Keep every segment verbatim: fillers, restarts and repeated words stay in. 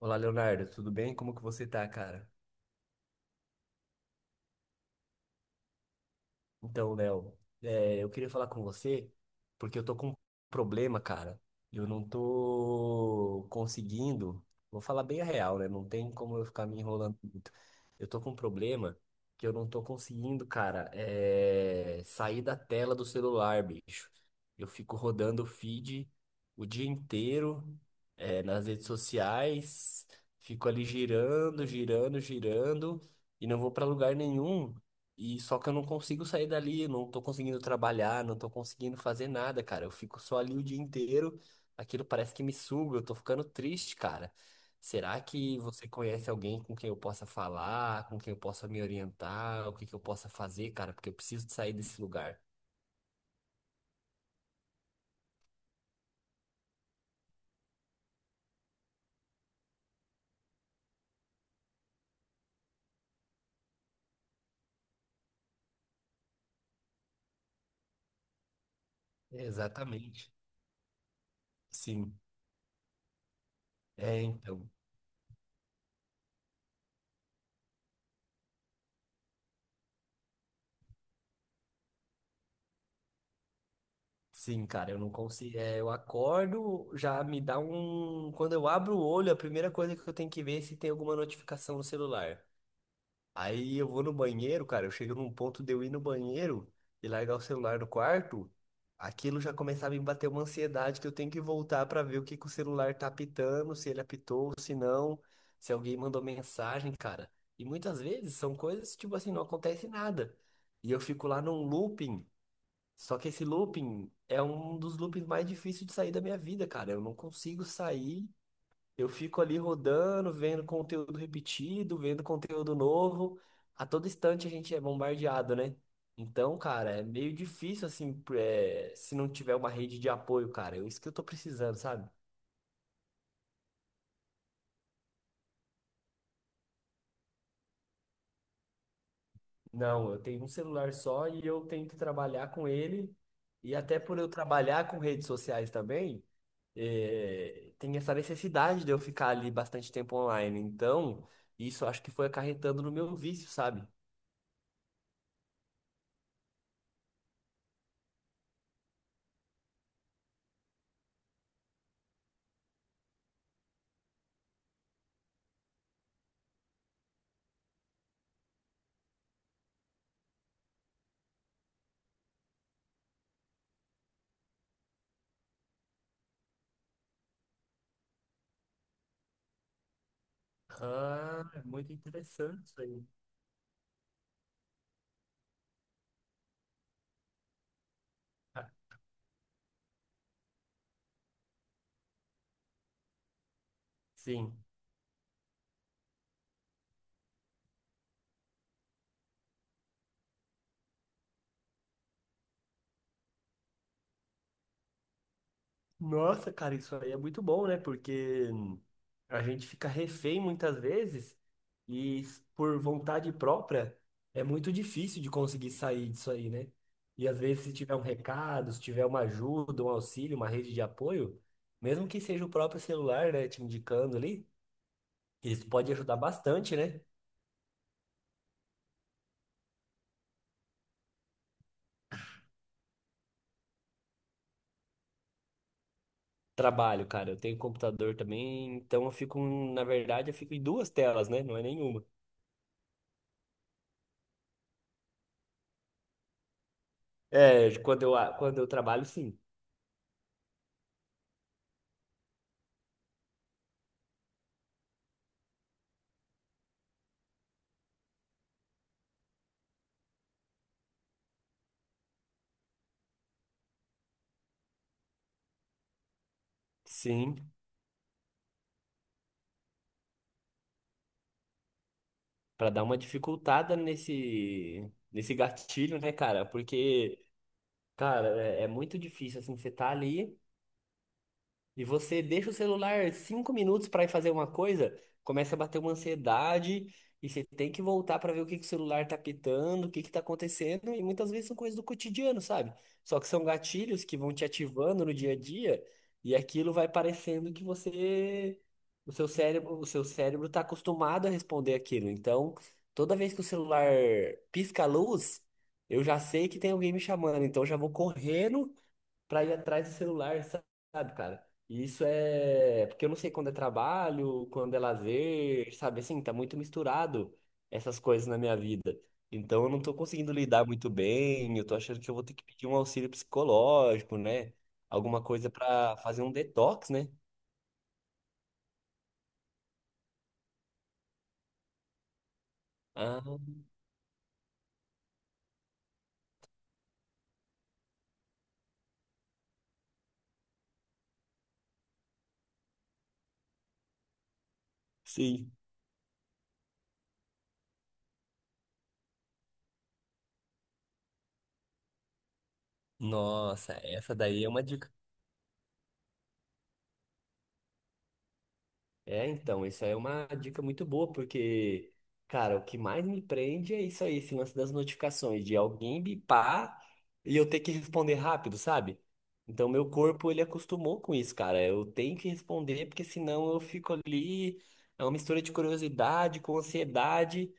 Olá, Leonardo, tudo bem? Como que você tá, cara? Então, Léo, é, eu queria falar com você porque eu tô com um problema, cara. Eu não tô conseguindo. Vou falar bem a real, né? Não tem como eu ficar me enrolando muito. Eu tô com um problema que eu não tô conseguindo, cara, é, sair da tela do celular, bicho. Eu fico rodando o feed o dia inteiro, é, nas redes sociais, fico ali girando, girando, girando e não vou pra lugar nenhum. E só que eu não consigo sair dali, não tô conseguindo trabalhar, não tô conseguindo fazer nada, cara. Eu fico só ali o dia inteiro, aquilo parece que me suga, eu tô ficando triste, cara. Será que você conhece alguém com quem eu possa falar, com quem eu possa me orientar, o que que eu possa fazer, cara? Porque eu preciso de sair desse lugar. É, exatamente. Sim. É, então. Sim, cara, eu não consigo. É, eu acordo, já me dá um. Quando eu abro o olho, a primeira coisa que eu tenho que ver é se tem alguma notificação no celular. Aí eu vou no banheiro, cara. Eu chego num ponto de eu ir no banheiro e largar o celular no quarto. Aquilo já começava a me bater uma ansiedade que eu tenho que voltar pra ver o que que o celular tá apitando, se ele apitou, se não, se alguém mandou mensagem, cara. E muitas vezes são coisas tipo assim, não acontece nada. E eu fico lá num looping. Só que esse looping é um dos loopings mais difíceis de sair da minha vida, cara. Eu não consigo sair, eu fico ali rodando, vendo conteúdo repetido, vendo conteúdo novo. A todo instante a gente é bombardeado, né? Então, cara, é meio difícil, assim, é, se não tiver uma rede de apoio, cara. É isso que eu tô precisando, sabe? Não, eu tenho um celular só e eu tenho que trabalhar com ele. E até por eu trabalhar com redes sociais também, é, tem essa necessidade de eu ficar ali bastante tempo online. Então, isso acho que foi acarretando no meu vício, sabe? Ah, é muito interessante isso aí. Sim. Nossa, cara, isso aí é muito bom, né? Porque a gente fica refém muitas vezes e por vontade própria é muito difícil de conseguir sair disso aí, né? E às vezes se tiver um recado, se tiver uma ajuda, um auxílio, uma rede de apoio, mesmo que seja o próprio celular, né, te indicando ali, isso pode ajudar bastante, né? Trabalho, cara, eu tenho computador também, então eu fico, na verdade, eu fico em duas telas, né? Não é nenhuma. É, quando eu, quando eu trabalho, sim. Sim, pra dar uma dificultada nesse nesse gatilho, né, cara? Porque, cara, é, é muito difícil assim, você tá ali. E você deixa o celular cinco minutos para ir fazer uma coisa, começa a bater uma ansiedade e você tem que voltar para ver o que que o celular tá pitando, o que que tá acontecendo, e muitas vezes são coisas do cotidiano, sabe? Só que são gatilhos que vão te ativando no dia a dia e aquilo vai parecendo que você o seu cérebro, o seu cérebro tá acostumado a responder aquilo. Então, toda vez que o celular pisca a luz, eu já sei que tem alguém me chamando, então eu já vou correndo para ir atrás do celular, sabe, cara? E isso é. Porque eu não sei quando é trabalho, quando é lazer, sabe? Assim, tá muito misturado essas coisas na minha vida. Então eu não tô conseguindo lidar muito bem, eu tô achando que eu vou ter que pedir um auxílio psicológico, né? Alguma coisa pra fazer um detox, né? Ah, sim. Nossa, essa daí é uma dica. É, então, isso aí é uma dica muito boa, porque, cara, o que mais me prende é isso aí, esse lance das notificações, de alguém bipar e eu ter que responder rápido, sabe? Então, meu corpo, ele acostumou com isso, cara. Eu tenho que responder, porque senão eu fico ali, é uma mistura de curiosidade com ansiedade,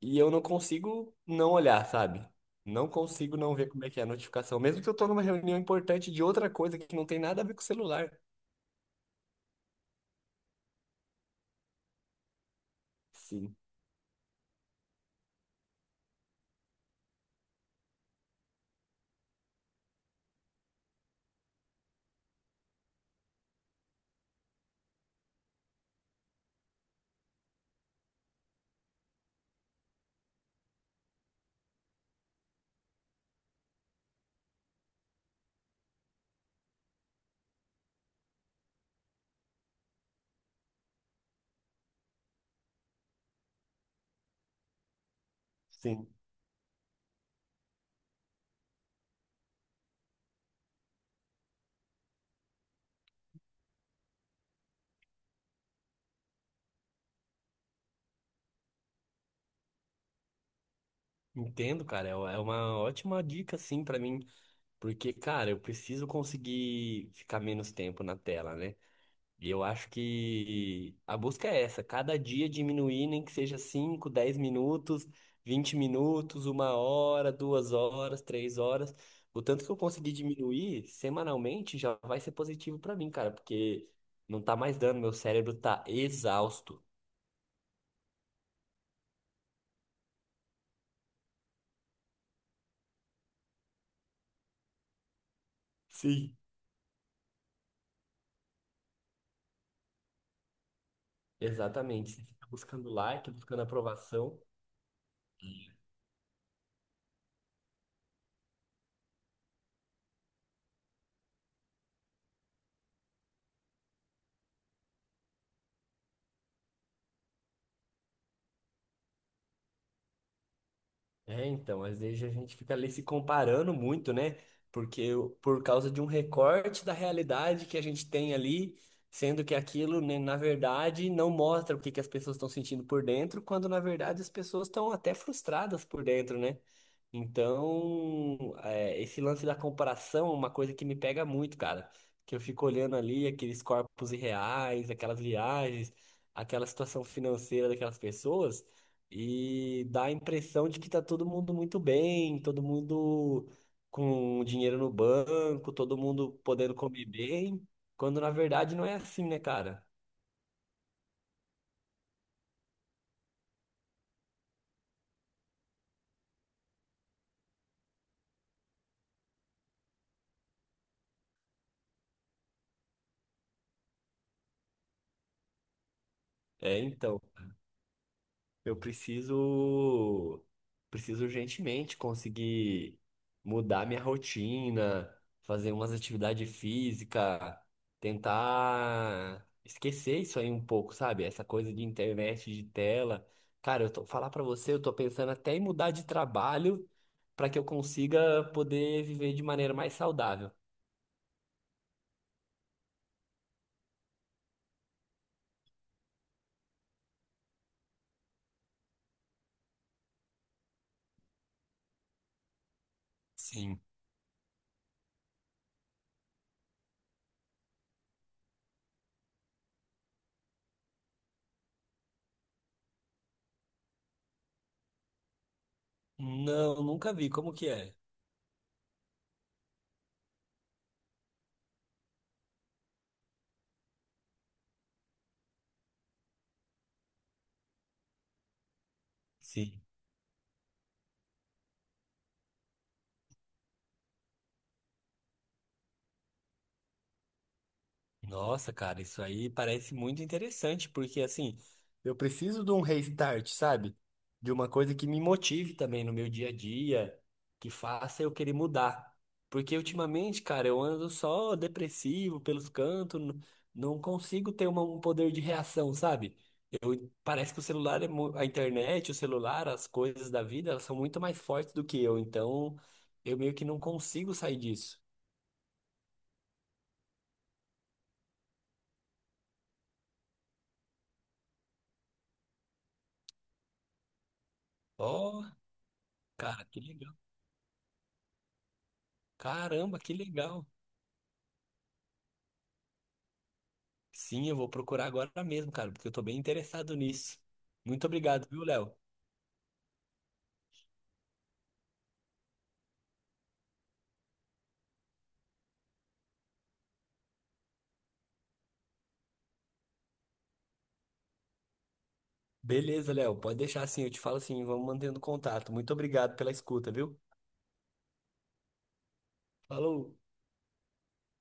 e eu não consigo não olhar, sabe? Não consigo não ver como é que é a notificação, mesmo que eu tô numa reunião importante de outra coisa que não tem nada a ver com o celular. Sim, sim. Entendo, cara. É é uma ótima dica, sim, pra mim, porque, cara, eu preciso conseguir ficar menos tempo na tela, né? E eu acho que a busca é essa, cada dia diminuir, nem que seja cinco, dez minutos, vinte minutos, uma hora, duas horas, três horas. O tanto que eu conseguir diminuir semanalmente já vai ser positivo pra mim, cara, porque não tá mais dando, meu cérebro tá exausto. Sim. Exatamente. Você fica buscando like, buscando aprovação. É, então, às vezes a gente fica ali se comparando muito, né? Porque eu- por causa de um recorte da realidade que a gente tem ali, sendo que aquilo, né, na verdade, não mostra o que que as pessoas estão sentindo por dentro, quando na verdade as pessoas estão até frustradas por dentro, né? Então, é, esse lance da comparação é uma coisa que me pega muito, cara. Que eu fico olhando ali aqueles corpos irreais, aquelas viagens, aquela situação financeira daquelas pessoas. E dá a impressão de que tá todo mundo muito bem, todo mundo com dinheiro no banco, todo mundo podendo comer bem, quando na verdade não é assim, né, cara? É, então. Eu preciso, preciso urgentemente conseguir mudar minha rotina, fazer umas atividades físicas, tentar esquecer isso aí um pouco, sabe? Essa coisa de internet, de tela. Cara, eu tô falar pra você, eu tô pensando até em mudar de trabalho para que eu consiga poder viver de maneira mais saudável. Sim. Não, nunca vi. Como que é? Sim. Nossa, cara, isso aí parece muito interessante, porque assim, eu preciso de um restart, sabe? De uma coisa que me motive também no meu dia a dia, que faça eu querer mudar. Porque ultimamente, cara, eu ando só depressivo pelos cantos, n- não consigo ter uma- um poder de reação, sabe? Eu, parece que o celular é, mu- a internet, o celular, as coisas da vida, elas são muito mais fortes do que eu, então eu meio que não consigo sair disso. Ó, cara, que legal. Caramba, que legal. Sim, eu vou procurar agora mesmo, cara, porque eu tô bem interessado nisso. Muito obrigado, viu, Léo? Beleza, Léo, pode deixar assim, eu te falo assim, vamos mantendo contato. Muito obrigado pela escuta, viu? Falou!